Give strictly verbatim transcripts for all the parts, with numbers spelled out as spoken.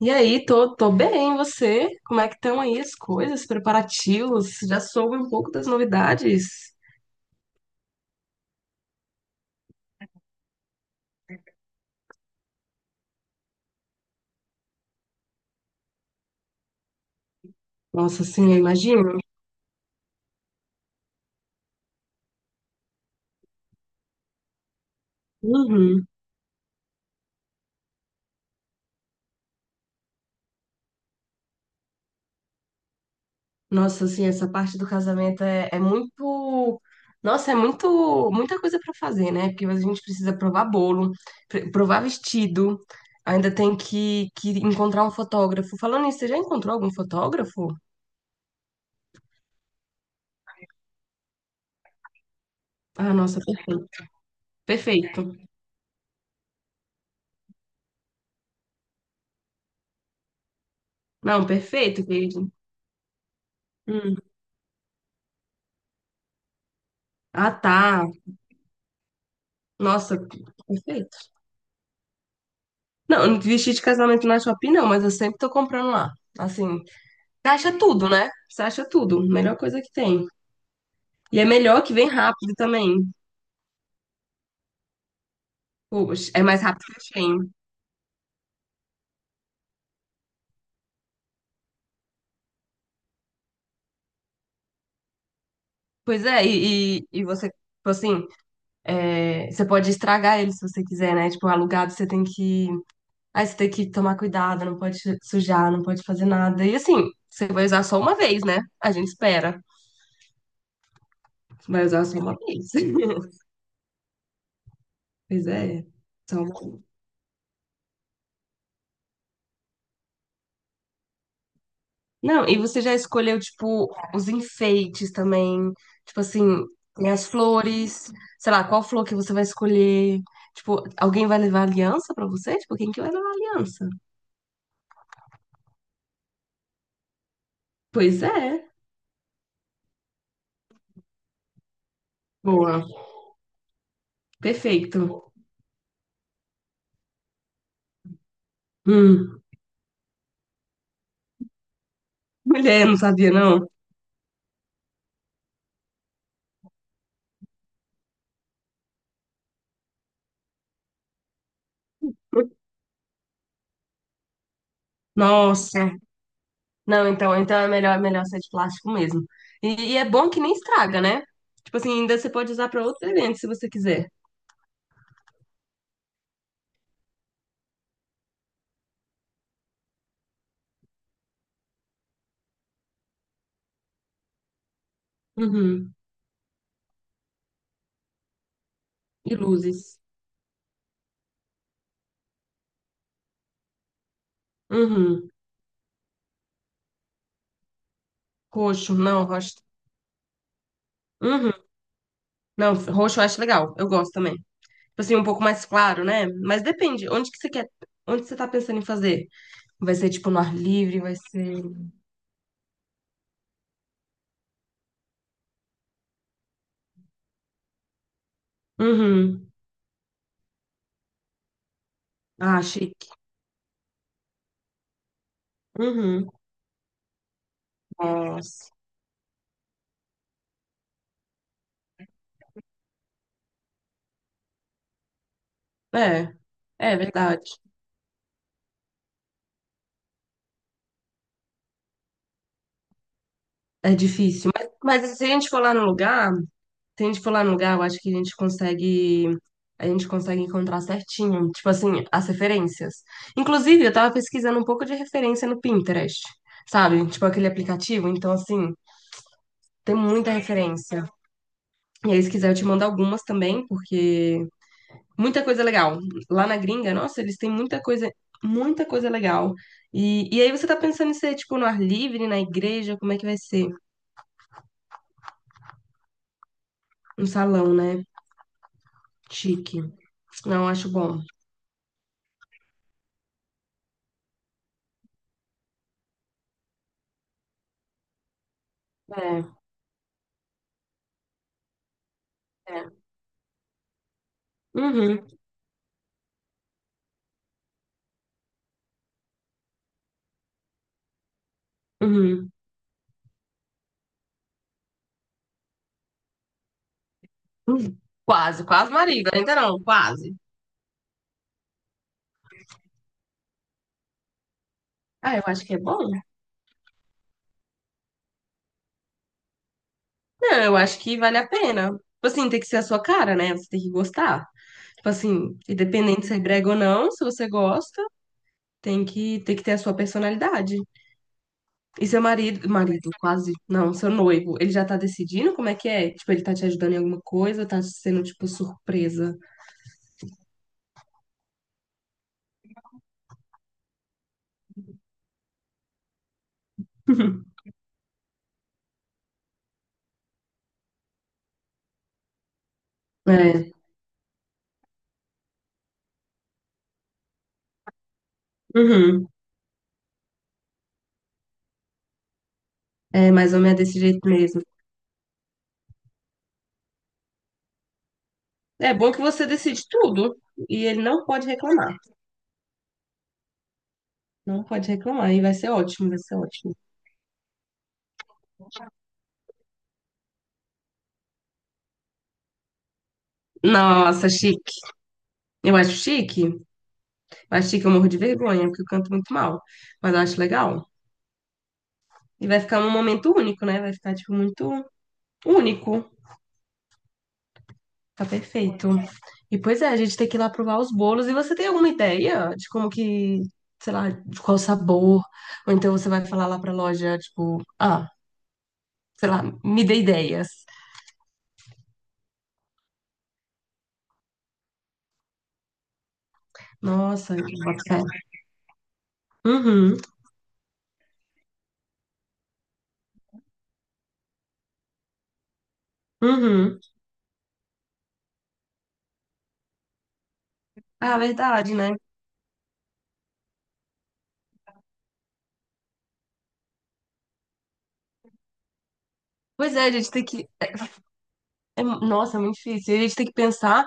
E aí, tô, tô bem, e você? Como é que estão aí as coisas, preparativos? Já soube um pouco das novidades? Nossa, assim, eu imagino. Uhum. Nossa, assim, essa parte do casamento é, é muito. Nossa, é muito, muita coisa pra fazer, né? Porque a gente precisa provar bolo, pr- provar vestido, ainda tem que, que encontrar um fotógrafo. Falando nisso, você já encontrou algum fotógrafo? Ah, nossa, perfeito. Perfeito. Não, perfeito, querido. Hum. Ah, tá. Nossa, perfeito. Não, não vestido de casamento na Shopee não, mas eu sempre tô comprando lá. Assim, você acha tudo, né? Você acha tudo. Melhor coisa que tem. E é melhor que vem rápido também. Poxa, é mais rápido que a Shein. Pois é, e, e, e você, tipo assim, é, você pode estragar ele se você quiser, né? Tipo, alugado você tem que. Aí você tem que tomar cuidado, não pode sujar, não pode fazer nada. E assim, você vai usar só uma vez, né? A gente espera. Vai usar só uma vez. Pois é. Só uma. Não, e você já escolheu, tipo, os enfeites também. Tipo assim, tem as flores. Sei lá, qual flor que você vai escolher? Tipo, alguém vai levar aliança pra você? Tipo, quem que vai levar aliança? Pois é. Boa. Perfeito. Hum. Mulher, não sabia, não? Nossa. Não, então, então é melhor, é melhor ser de plástico mesmo. E, e é bom que nem estraga, né? Tipo assim, ainda você pode usar pra outro evento se você quiser. Uhum. E luzes. Uhum. Coxo, não, rocha. Não, roxo eu acho legal. Eu gosto também. Tipo assim, um pouco mais claro, né? Mas depende. Onde que você quer? Onde você tá pensando em fazer? Vai ser tipo no ar livre? Vai ser. Uhum. Ah, chique. Uhum. Nossa. É. É verdade. É difícil. Mas, mas se a gente for lá no lugar, se a gente for lá no lugar, eu acho que a gente consegue. A gente consegue encontrar certinho, tipo assim, as referências. Inclusive, eu tava pesquisando um pouco de referência no Pinterest, sabe? Tipo aquele aplicativo. Então, assim, tem muita referência. E aí, se quiser, eu te mando algumas também, porque muita coisa legal. Lá na gringa, nossa, eles têm muita coisa, muita coisa legal. E, e aí você tá pensando em ser, tipo, no ar livre, na igreja, como é que vai ser? Um salão, né? Chique. Não, acho bom. É, é. Uhum, uhum. Uhum. Quase, quase marido, ainda não, quase. Ah, eu acho que é bom. Não, eu acho que vale a pena. Tipo assim, tem que ser a sua cara, né? Você tem que gostar. Tipo assim, independente se é brega ou não, se você gosta. Tem que, tem que ter a sua personalidade. E seu marido, marido, quase, não, seu noivo, ele já tá decidindo como é que é? Tipo, ele tá te ajudando em alguma coisa, tá sendo, tipo, surpresa. É, uhum. É mais ou menos desse jeito mesmo. É bom que você decide tudo e ele não pode reclamar. Não pode reclamar e vai ser ótimo, vai ser ótimo. Nossa, chique. Eu acho chique. Eu acho chique, eu morro de vergonha, porque eu canto muito mal. Mas eu acho legal. E vai ficar um momento único, né? Vai ficar, tipo, muito único. Tá perfeito. E pois é, a gente tem que ir lá provar os bolos. E você tem alguma ideia de como que, sei lá, de qual sabor? Ou então você vai falar lá pra loja, tipo, ah, sei lá, me dê ideias. Nossa, bota fé. Uhum, uhum. Ah, verdade, né? Pois é, a gente tem que. É- nossa, é muito difícil. E a gente tem que pensar,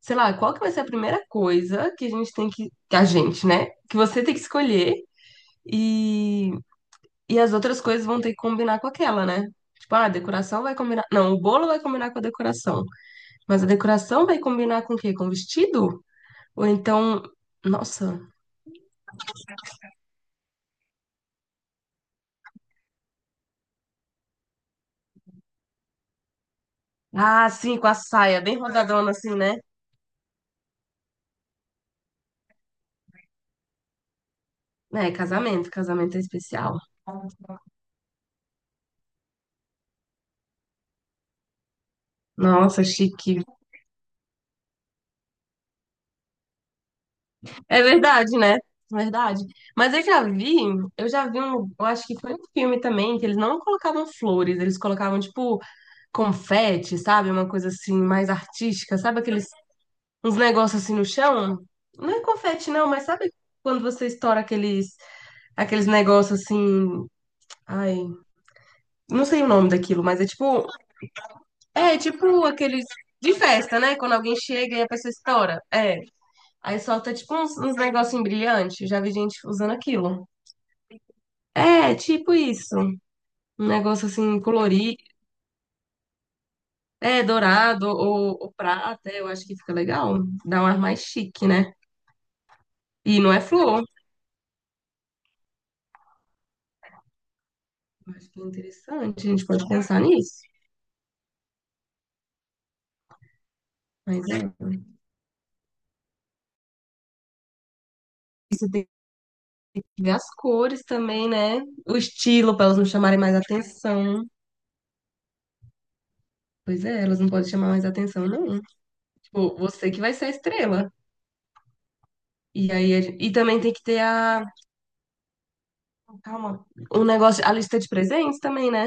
sei lá, qual que vai ser a primeira coisa que a gente tem que. que A gente, né? Que você tem que escolher. E E as outras coisas vão ter que combinar com aquela, né? Tipo, ah, a decoração vai combinar. Não, o bolo vai combinar com a decoração. Mas a decoração vai combinar com o quê? Com o vestido? Ou então. Nossa. Ah, sim, com a saia, bem rodadona assim, né? É, casamento. Casamento é especial. Nossa, chique. É verdade, né? Verdade. Mas eu já vi, eu já vi um, eu acho que foi um filme também, que eles não colocavam flores, eles colocavam, tipo, confete, sabe? Uma coisa assim, mais artística, sabe? Aquele uns negócios assim no chão. Não é confete, não, mas sabe quando você estoura aqueles, aqueles negócios assim. Ai, não sei o nome daquilo, mas é tipo. É tipo aqueles. De festa, né? Quando alguém chega e a pessoa estoura. É. Aí solta tipo uns, uns negócios brilhantes. Já vi gente usando aquilo. É, tipo isso. Um negócio assim colorido. É, dourado ou, ou prata. Eu acho que fica legal. Dá um ar mais chique, né? E não é flor. Eu acho que é interessante. A gente pode pensar nisso. Mas é. E você tem que ver as cores também, né? O estilo, pra elas não chamarem mais atenção. Pois é, elas não podem chamar mais atenção, não. Tipo, você que vai ser a estrela. E aí, a gen- e também tem que ter a. Calma. O negócio, a lista de presentes também, né?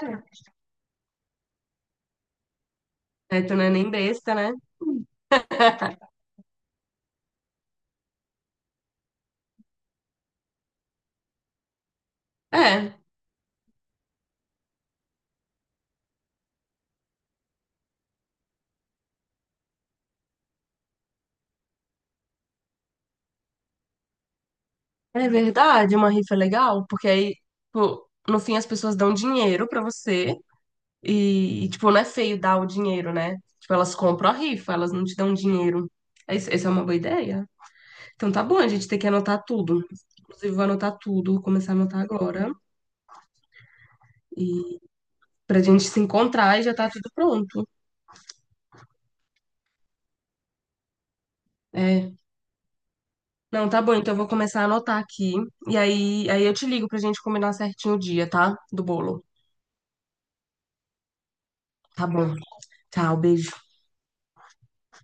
É. Aí tu não é nem besta, né? É, é verdade, uma rifa é legal, porque aí, tipo, no fim as pessoas dão dinheiro pra você e, tipo, não é feio dar o dinheiro, né? Tipo, elas compram a rifa, elas não te dão dinheiro. Essa essa é uma boa ideia. Então tá bom, a gente tem que anotar tudo. Inclusive, vou anotar tudo, vou começar a anotar agora. E pra gente se encontrar e já tá tudo pronto. É. Não, tá bom, então eu vou começar a anotar aqui. E aí, aí eu te ligo pra gente combinar certinho o dia, tá? Do bolo. Tá bom. Tchau, beijo.